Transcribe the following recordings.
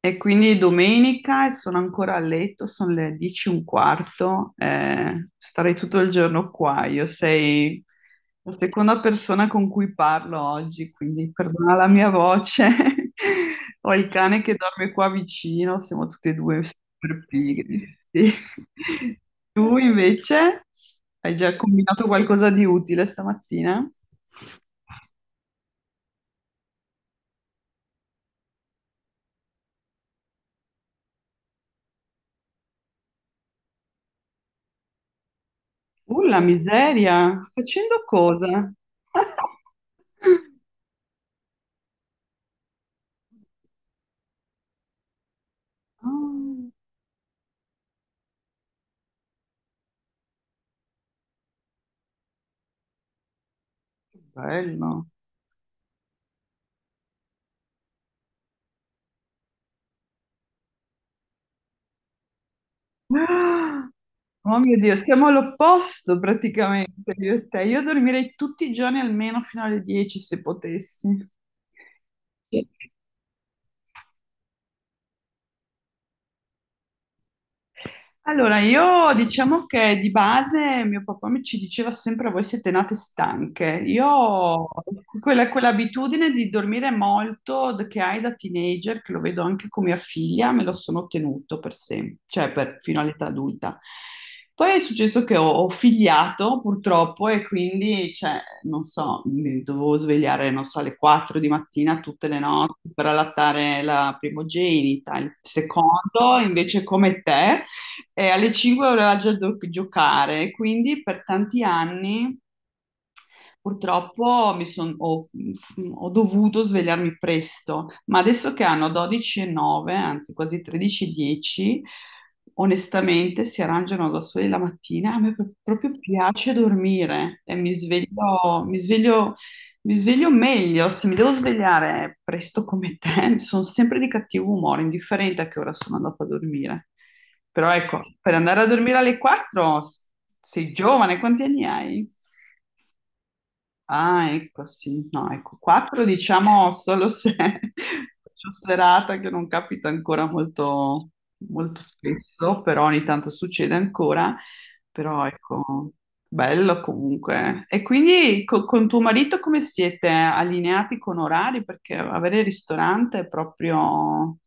E quindi è domenica e sono ancora a letto, sono le 10 e un quarto, starei tutto il giorno qua. Io sei la seconda persona con cui parlo oggi, quindi perdona la mia voce. Ho il cane che dorme qua vicino, siamo tutti e due super pigri. Sì. Tu invece hai già combinato qualcosa di utile stamattina? La miseria, facendo cosa? Ah, bello. Ah, oh mio Dio, siamo all'opposto praticamente io e te. Io dormirei tutti i giorni almeno fino alle 10 se potessi. Allora, io diciamo che di base mio papà mi ci diceva sempre voi siete nate stanche. Io ho quell'abitudine di dormire molto che hai da teenager, che lo vedo anche con mia figlia, me lo sono ottenuto per sempre, cioè fino all'età adulta. Poi è successo che ho figliato purtroppo e quindi, cioè, non so, mi dovevo svegliare, non so, alle 4 di mattina tutte le notti per allattare la primogenita, il secondo invece come te e alle 5 voleva già giocare, quindi per tanti anni purtroppo ho dovuto svegliarmi presto, ma adesso che hanno 12.09, anzi quasi 13.10, onestamente si arrangiano da soli la mattina. A me proprio piace dormire e mi sveglio meglio. Se mi devo svegliare presto come te, sono sempre di cattivo umore, indifferente a che ora sono andata a dormire. Però ecco, per andare a dormire alle 4 sei giovane, quanti anni hai? Ah, ecco, sì, no, ecco, quattro diciamo solo se faccio serata che non capita ancora molto, molto spesso, però ogni tanto succede ancora, però ecco, bello comunque. E quindi con tuo marito come siete allineati con orari? Perché avere il ristorante è proprio...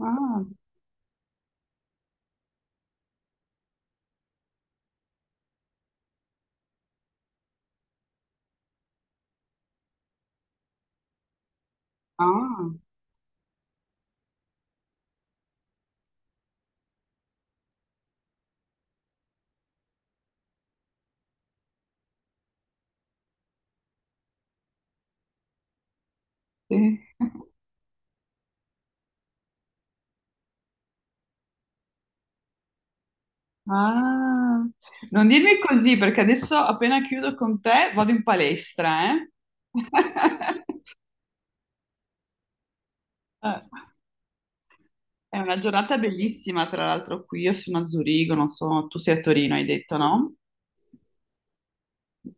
Ah, ah, sì. Ah, non dirmi così perché adesso appena chiudo con te vado in palestra, eh? Eh, È una giornata bellissima, tra l'altro qui io sono a Zurigo, non so, tu sei a Torino, hai detto, no?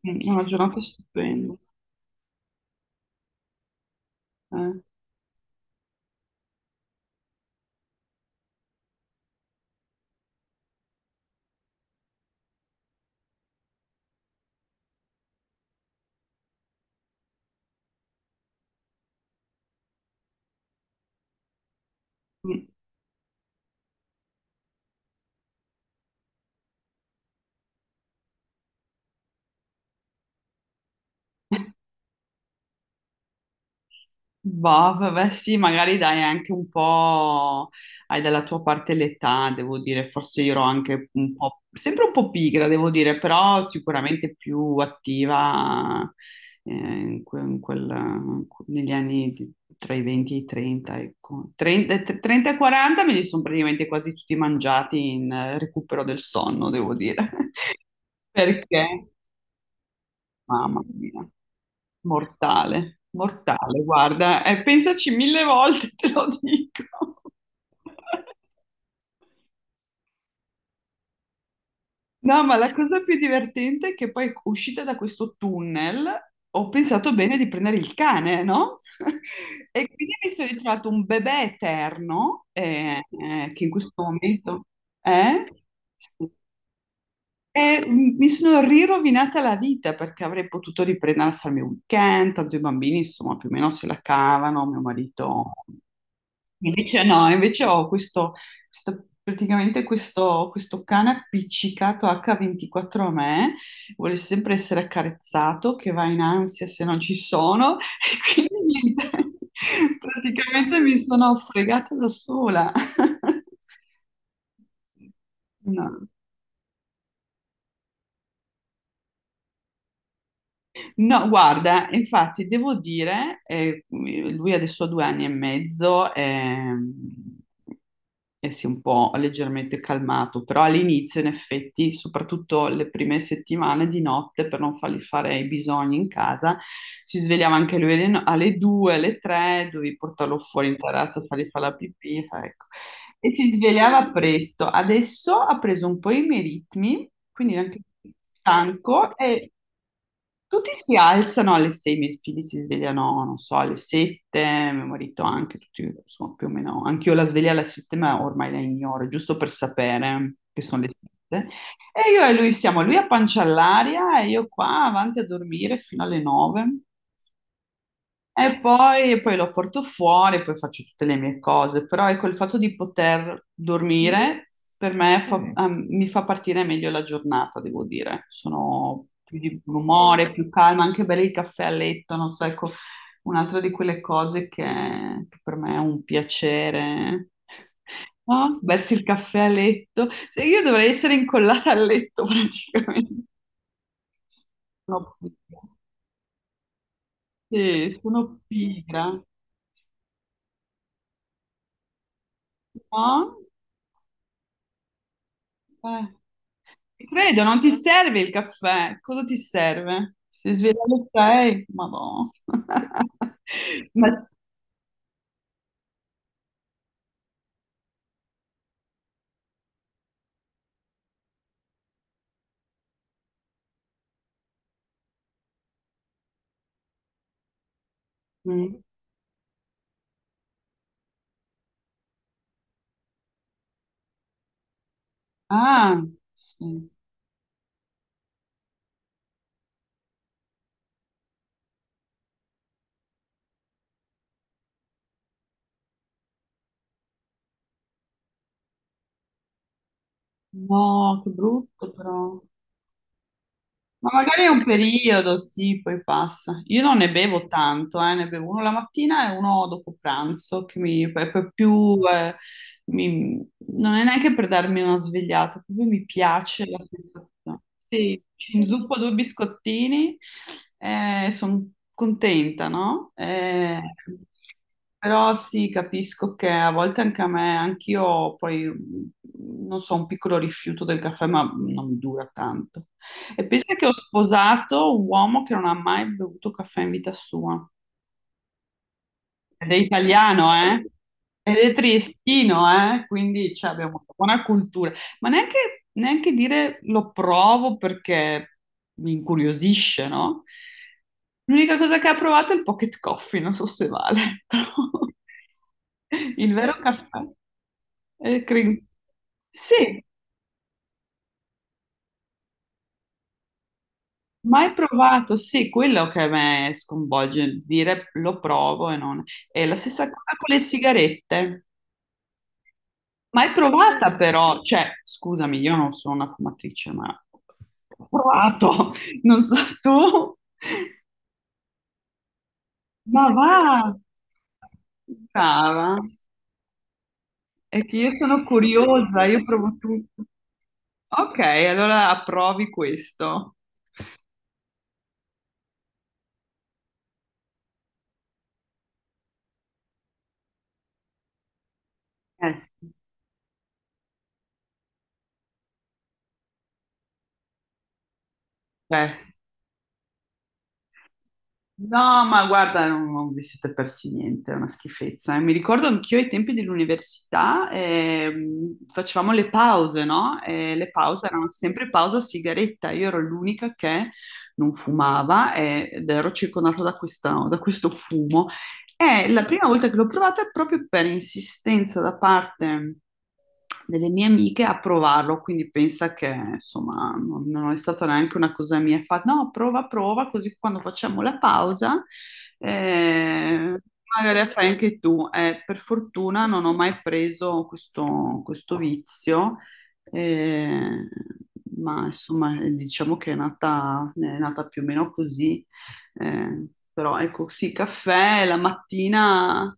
Mm, è una giornata stupenda. Eh. Mm. Boh, vabbè, sì, magari dai anche un po', hai dalla tua parte l'età, devo dire, forse io ero anche un po', sempre un po' pigra, devo dire, però sicuramente più attiva in negli anni tra i 20 e i 30, ecco. 30, e 30 e 40 me li sono praticamente quasi tutti mangiati in recupero del sonno, devo dire, perché, mamma mia. Mortale, mortale, guarda, pensaci 1000 volte, te lo dico. No, ma la cosa più divertente è che poi uscita da questo tunnel ho pensato bene di prendere il cane, no? E quindi mi sono ritrovato un bebè eterno, che in questo momento è... E mi sono rirovinata la vita perché avrei potuto riprendere a farmi un weekend, tanto i bambini insomma più o meno se la cavano, mio marito invece no, invece ho questo, questo cane appiccicato H24 a me, vuole sempre essere accarezzato, che va in ansia se non ci sono, e quindi niente, praticamente mi sono fregata da sola. No. No, guarda, infatti devo dire, lui adesso ha 2 anni e mezzo, e si è un po' leggermente calmato, però all'inizio, in effetti, soprattutto le prime settimane di notte, per non fargli fare i bisogni in casa, si svegliava anche lui alle, no- alle 2, alle 3, dovevi portarlo fuori in terrazza, fargli fare la pipì, ecco. E si svegliava presto. Adesso ha preso un po' i miei ritmi, quindi è anche stanco, e tutti si alzano alle 6, i miei figli si svegliano, non so, alle 7, mio marito anche, tutti, insomma, più o meno. Anch'io la sveglia alle 7, ma ormai la ignoro, giusto per sapere che sono le 7. E io e lui siamo, lui a pancia all'aria e io qua avanti a dormire fino alle 9. E poi lo porto fuori, poi faccio tutte le mie cose, però ecco il fatto di poter dormire per me Mm. Ah, mi fa partire meglio la giornata, devo dire. Sono più di buon umore, più calma, anche bere il caffè a letto, non so, ecco, un'altra di quelle cose che per me è un piacere. No? Bersi il caffè a letto. Se io dovrei essere incollata al letto praticamente. Sono pigra. Sì, sono pigra. No? Credo, non ti serve il caffè. Cosa ti serve? Si sveglia alle 6? Madonna. Ma... mm. Ah, sì. No, che brutto però. Ma magari è un periodo, sì, poi passa. Io non ne bevo tanto, ne bevo uno la mattina e uno dopo pranzo, che mi, è proprio più, mi- non è neanche per darmi una svegliata, proprio mi piace la sensazione. Sì, ci inzuppo due biscottini e sono contenta, no? Però sì, capisco che a volte anche a me, anch'io poi, mm, non so, un piccolo rifiuto del caffè, ma non dura tanto. E pensa che ho sposato un uomo che non ha mai bevuto caffè in vita sua. Ed è italiano, eh? Ed è triestino, eh? Quindi cioè, abbiamo una buona cultura. Ma neanche, neanche dire lo provo perché mi incuriosisce, no? L'unica cosa che ha provato è il pocket coffee, non so se vale, però il vero caffè è Sì, mai provato, sì, quello che a me sconvolge, dire lo provo e non... È la stessa cosa con le sigarette. Mai provata però, cioè, scusami, io non sono una fumatrice, ma ho provato, non so tu, ma va, brava, è che io sono curiosa, io provo tutto. Ok, allora approvi questo. Eh sì, eh no, ma guarda, non, non vi siete persi niente, è una schifezza. Eh. Mi ricordo anch'io ai tempi dell'università facevamo le pause, no? E le pause erano sempre pausa sigaretta. Io ero l'unica che non fumava ed ero circondata da da questo fumo. E la prima volta che l'ho provata è proprio per insistenza da parte delle mie amiche a provarlo, quindi pensa che insomma non è stata neanche una cosa mia, fa no, prova, prova, così quando facciamo la pausa eh, magari la fai anche tu. Per fortuna non ho mai preso questo vizio, eh, ma insomma diciamo che è nata più o meno così, eh, però ecco sì, caffè la mattina,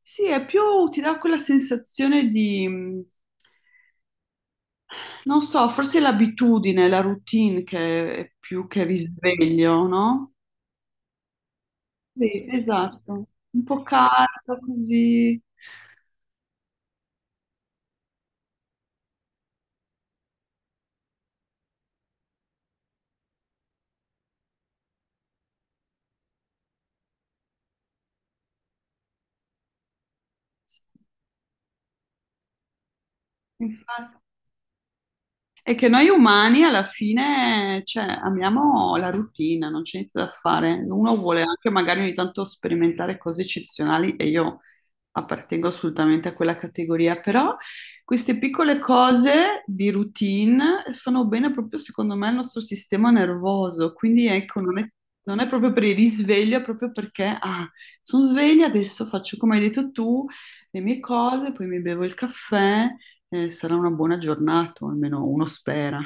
sì, è più, ti dà quella sensazione di non so, forse è l'abitudine, la routine che è più che risveglio, no? Sì, esatto. Un po' caldo così. Sì, infatti. È che noi umani alla fine, cioè, amiamo la routine, non c'è niente da fare. Uno vuole anche magari ogni tanto sperimentare cose eccezionali e io appartengo assolutamente a quella categoria, però queste piccole cose di routine fanno bene proprio secondo me al nostro sistema nervoso, quindi ecco, non è proprio per il risveglio, è proprio perché, ah, sono sveglia, adesso faccio come hai detto tu, le mie cose, poi mi bevo il caffè. Sarà una buona giornata, o almeno uno spera.